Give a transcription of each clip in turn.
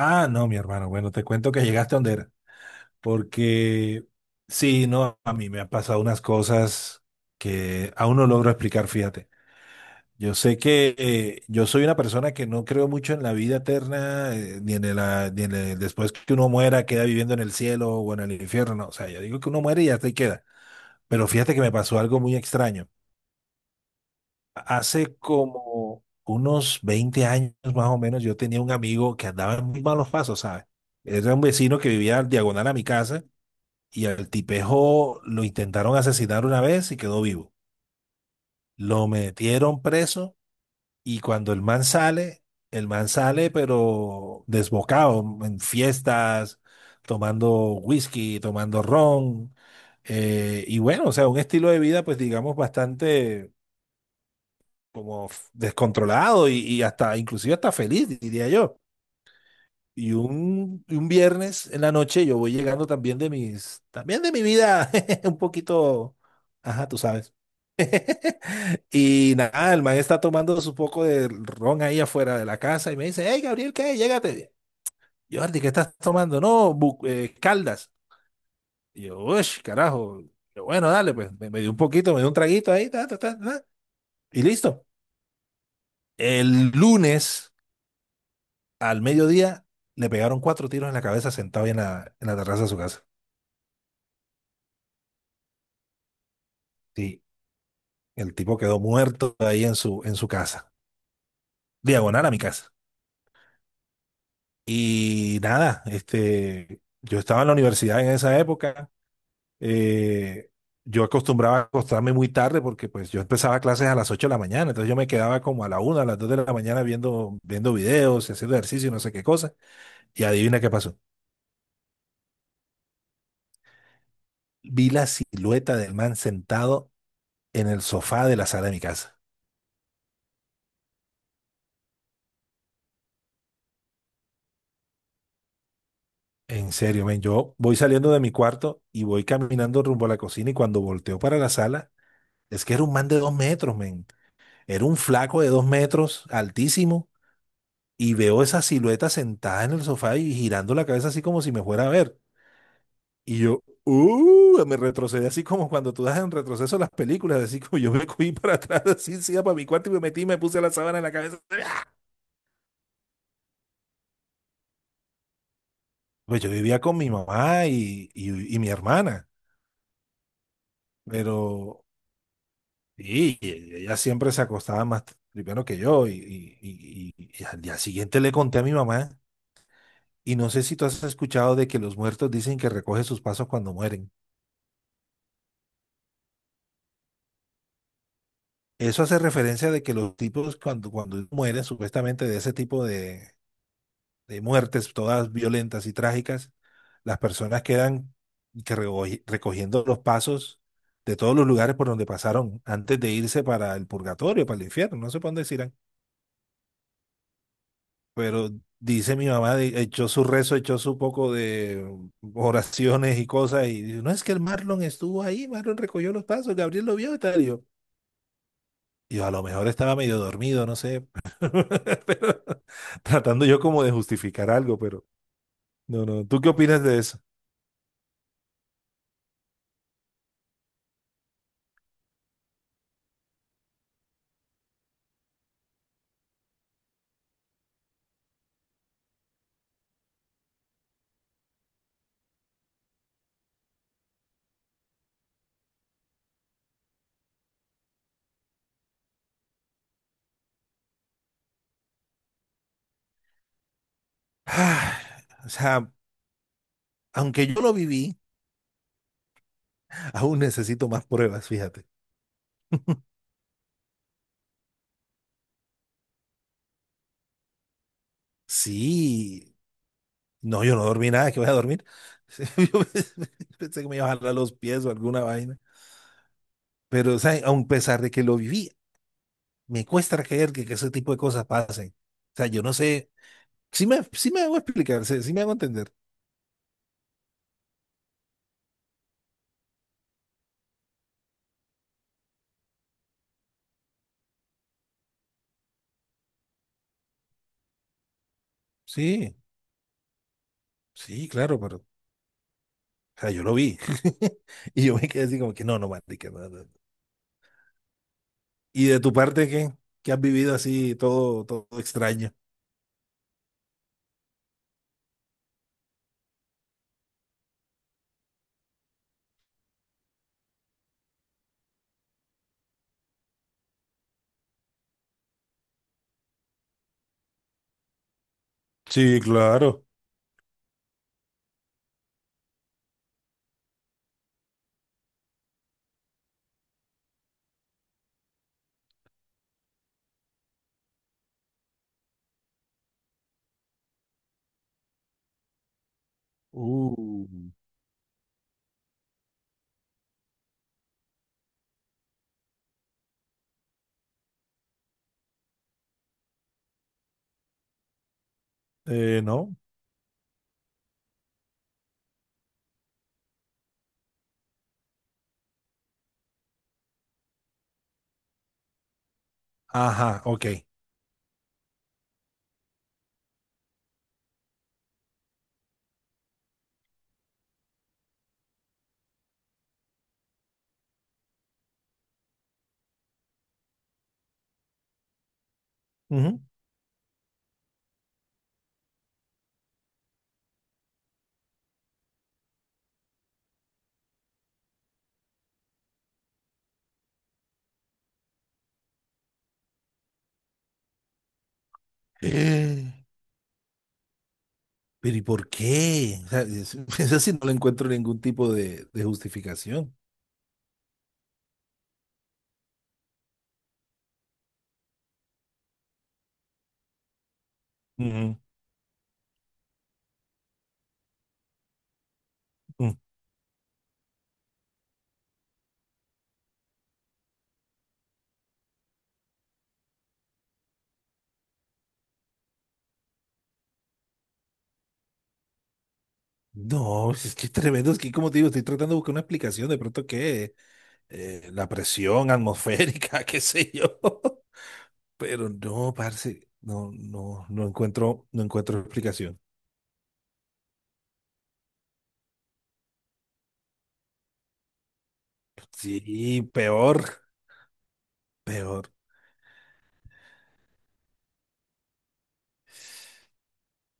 Ah, no, mi hermano. Bueno, te cuento que llegaste a donde era. Porque sí, no, a mí me han pasado unas cosas que aún no logro explicar, fíjate. Yo sé que yo soy una persona que no creo mucho en la vida eterna, ni en el, ah, ni en el- después que uno muera, queda viviendo en el cielo o en el infierno. No, o sea, yo digo que uno muere y hasta ahí queda. Pero fíjate que me pasó algo muy extraño. Hace como unos 20 años más o menos, yo tenía un amigo que andaba en muy malos pasos, ¿sabes? Era un vecino que vivía al diagonal a mi casa y al tipejo lo intentaron asesinar una vez y quedó vivo. Lo metieron preso y cuando el man sale pero desbocado en fiestas, tomando whisky, tomando ron. Y bueno, o sea, un estilo de vida pues digamos bastante como descontrolado y hasta, inclusive hasta feliz, diría yo. Y un viernes en la noche yo voy llegando también de mi vida un poquito, ajá, tú sabes. Y nada, el man está tomando su poco de ron ahí afuera de la casa y me dice, hey, Gabriel, ¿qué? Llégate. Yo, Jordi, ¿qué estás tomando? No, Caldas. Y yo, uy, carajo. Yo, bueno, dale, pues me dio un poquito, me dio un traguito ahí, ta, ta, ta, ta, y listo. El lunes, al mediodía le pegaron cuatro tiros en la cabeza sentado ahí en la terraza de su casa. Sí, el tipo quedó muerto ahí en su casa, diagonal a mi casa. Y nada, este, yo estaba en la universidad en esa época. eh, yo acostumbraba a acostarme muy tarde porque pues yo empezaba clases a las 8 de la mañana, entonces yo me quedaba como a la 1 a las 2 de la mañana viendo videos y haciendo ejercicio y no sé qué cosa. Y adivina qué pasó. Vi la silueta del man sentado en el sofá de la sala de mi casa. En serio, men, yo voy saliendo de mi cuarto y voy caminando rumbo a la cocina y cuando volteo para la sala, es que era un man de 2 metros, men. Era un flaco de 2 metros, altísimo, y veo esa silueta sentada en el sofá y girando la cabeza así como si me fuera a ver. Y yo, me retrocedí así como cuando tú das en retroceso las películas, así como yo me cogí para atrás, así, sí, para mi cuarto y me metí y me puse la sábana en la cabeza. Pues yo vivía con mi mamá y mi hermana, pero... Sí, y ella siempre se acostaba más primero que yo y al día siguiente le conté a mi mamá y no sé si tú has escuchado de que los muertos dicen que recoge sus pasos cuando mueren. Eso hace referencia de que los tipos cuando mueren, supuestamente de ese tipo de muertes todas violentas y trágicas, las personas quedan que recogiendo los pasos de todos los lugares por donde pasaron antes de irse para el purgatorio, para el infierno, no sé por dónde se irán. Pero dice mi mamá, echó su rezo, echó su poco de oraciones y cosas, y dice, no es que el Marlon estuvo ahí, Marlon recogió los pasos, Gabriel lo vio y tal. Y yo, a lo mejor estaba medio dormido, no sé, pero tratando yo como de justificar algo, pero no, no, ¿tú qué opinas de eso? Ah, o sea, aunque yo lo viví, aún necesito más pruebas, fíjate. Sí, no, yo no dormí nada, que voy a dormir. Yo pensé que me iba a jalar los pies o alguna vaina. Pero, o sea, aun pesar de que lo viví, me cuesta creer que ese tipo de cosas pasen. O sea, yo no sé, sí me hago explicar, sí, sí me hago entender. Sí, sí, claro, pero, o sea, yo lo vi. Y yo me quedé así como que no, no, marica, no, no". ¿Y de tu parte qué? ¿Qué has vivido así todo, todo extraño? Sí, claro. Uh, no. Ajá, ok. Ujú. Eh, Pero ¿y por qué? O sea, eso sí no le encuentro ningún tipo de justificación. Mm. No, es que es tremendo, es que como te digo, estoy tratando de buscar una explicación, de pronto que la presión atmosférica, qué sé yo, pero no, parce, no, no, no encuentro explicación. Sí, peor, peor.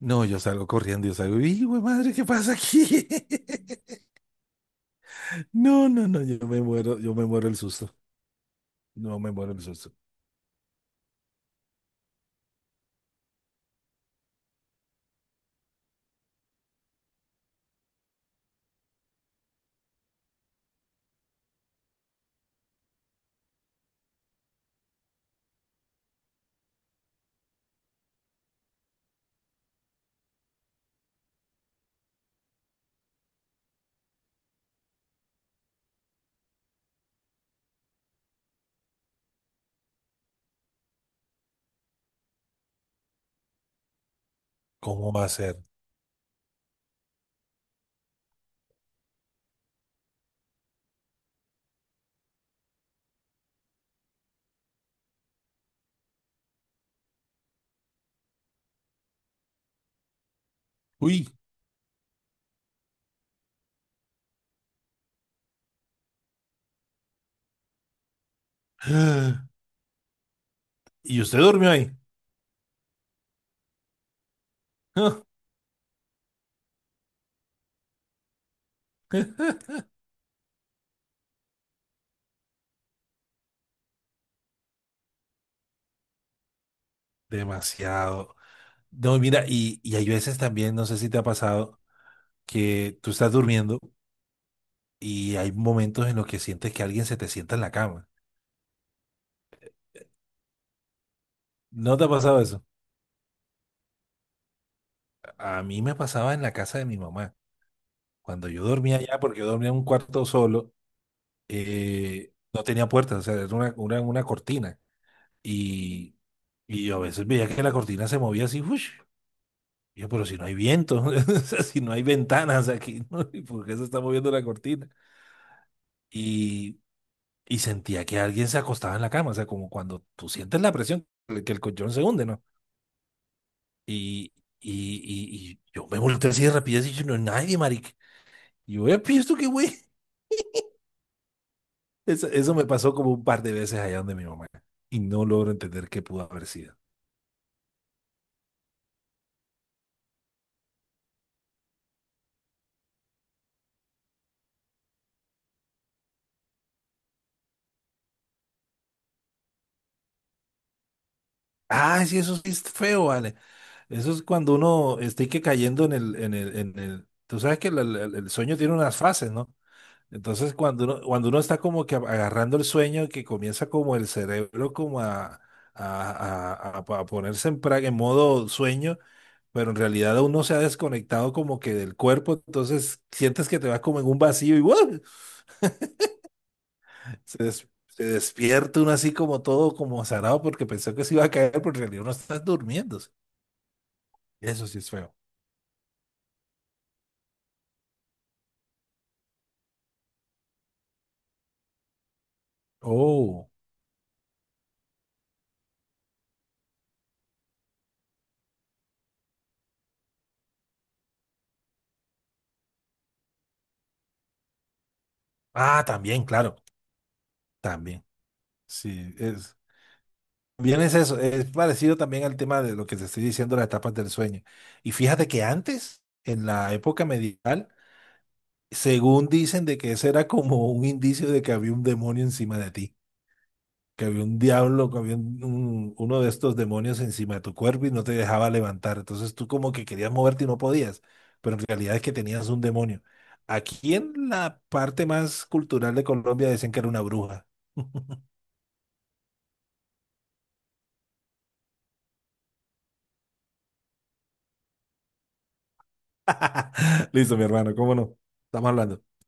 No, yo salgo corriendo, yo salgo, y güey, madre, ¿qué pasa aquí? No, no, no, yo me muero el susto, no me muero el susto. ¿Cómo va a ser? Uy. ¿Y usted durmió ahí? Demasiado. No, mira, y hay veces también, no sé si te ha pasado, que tú estás durmiendo y hay momentos en los que sientes que alguien se te sienta en la cama. ¿No te ha pasado eso? A mí me pasaba en la casa de mi mamá. Cuando yo dormía allá, porque yo dormía en un cuarto solo, no tenía puertas, o sea, era una cortina. Y, y yo a veces veía que la cortina se movía así, ¡ush! Y yo, pero si no hay viento, o sea, si no hay ventanas aquí, ¿no? ¿Y ¿por qué se está moviendo la cortina? y y sentía que alguien se acostaba en la cama, o sea, como cuando tú sientes la presión, que el colchón se hunde, ¿no? Y, y yo me volteé así de rapidez y yo, no hay nadie, marica. Y yo, "Epi, ¿esto qué güey? Eso me pasó como un par de veces allá donde mi mamá, y no logro entender qué pudo haber sido. Ah, sí, eso sí es feo, vale. Eso es cuando uno está y que cayendo en el, tú sabes que el sueño tiene unas fases, ¿no? Entonces, cuando uno está como que agarrando el sueño, que comienza como el cerebro como a, a ponerse en modo sueño, pero en realidad uno se ha desconectado como que del cuerpo, entonces sientes que te vas como en un vacío y ¡guau! Se despierta uno así como todo como zarado porque pensó que se iba a caer, pero en realidad uno está durmiendo. Eso sí es feo. Oh, ah, también, claro, también. Sí, es. Bien, es eso, es parecido también al tema de lo que te estoy diciendo, las etapas del sueño. Y fíjate que antes, en la época medieval, según dicen de que ese era como un indicio de que había un demonio encima de ti, que había un diablo, que había uno de estos demonios encima de tu cuerpo y no te dejaba levantar. Entonces tú como que querías moverte y no podías, pero en realidad es que tenías un demonio. Aquí en la parte más cultural de Colombia decían que era una bruja. Listo, mi hermano, ¿cómo no? Estamos hablando.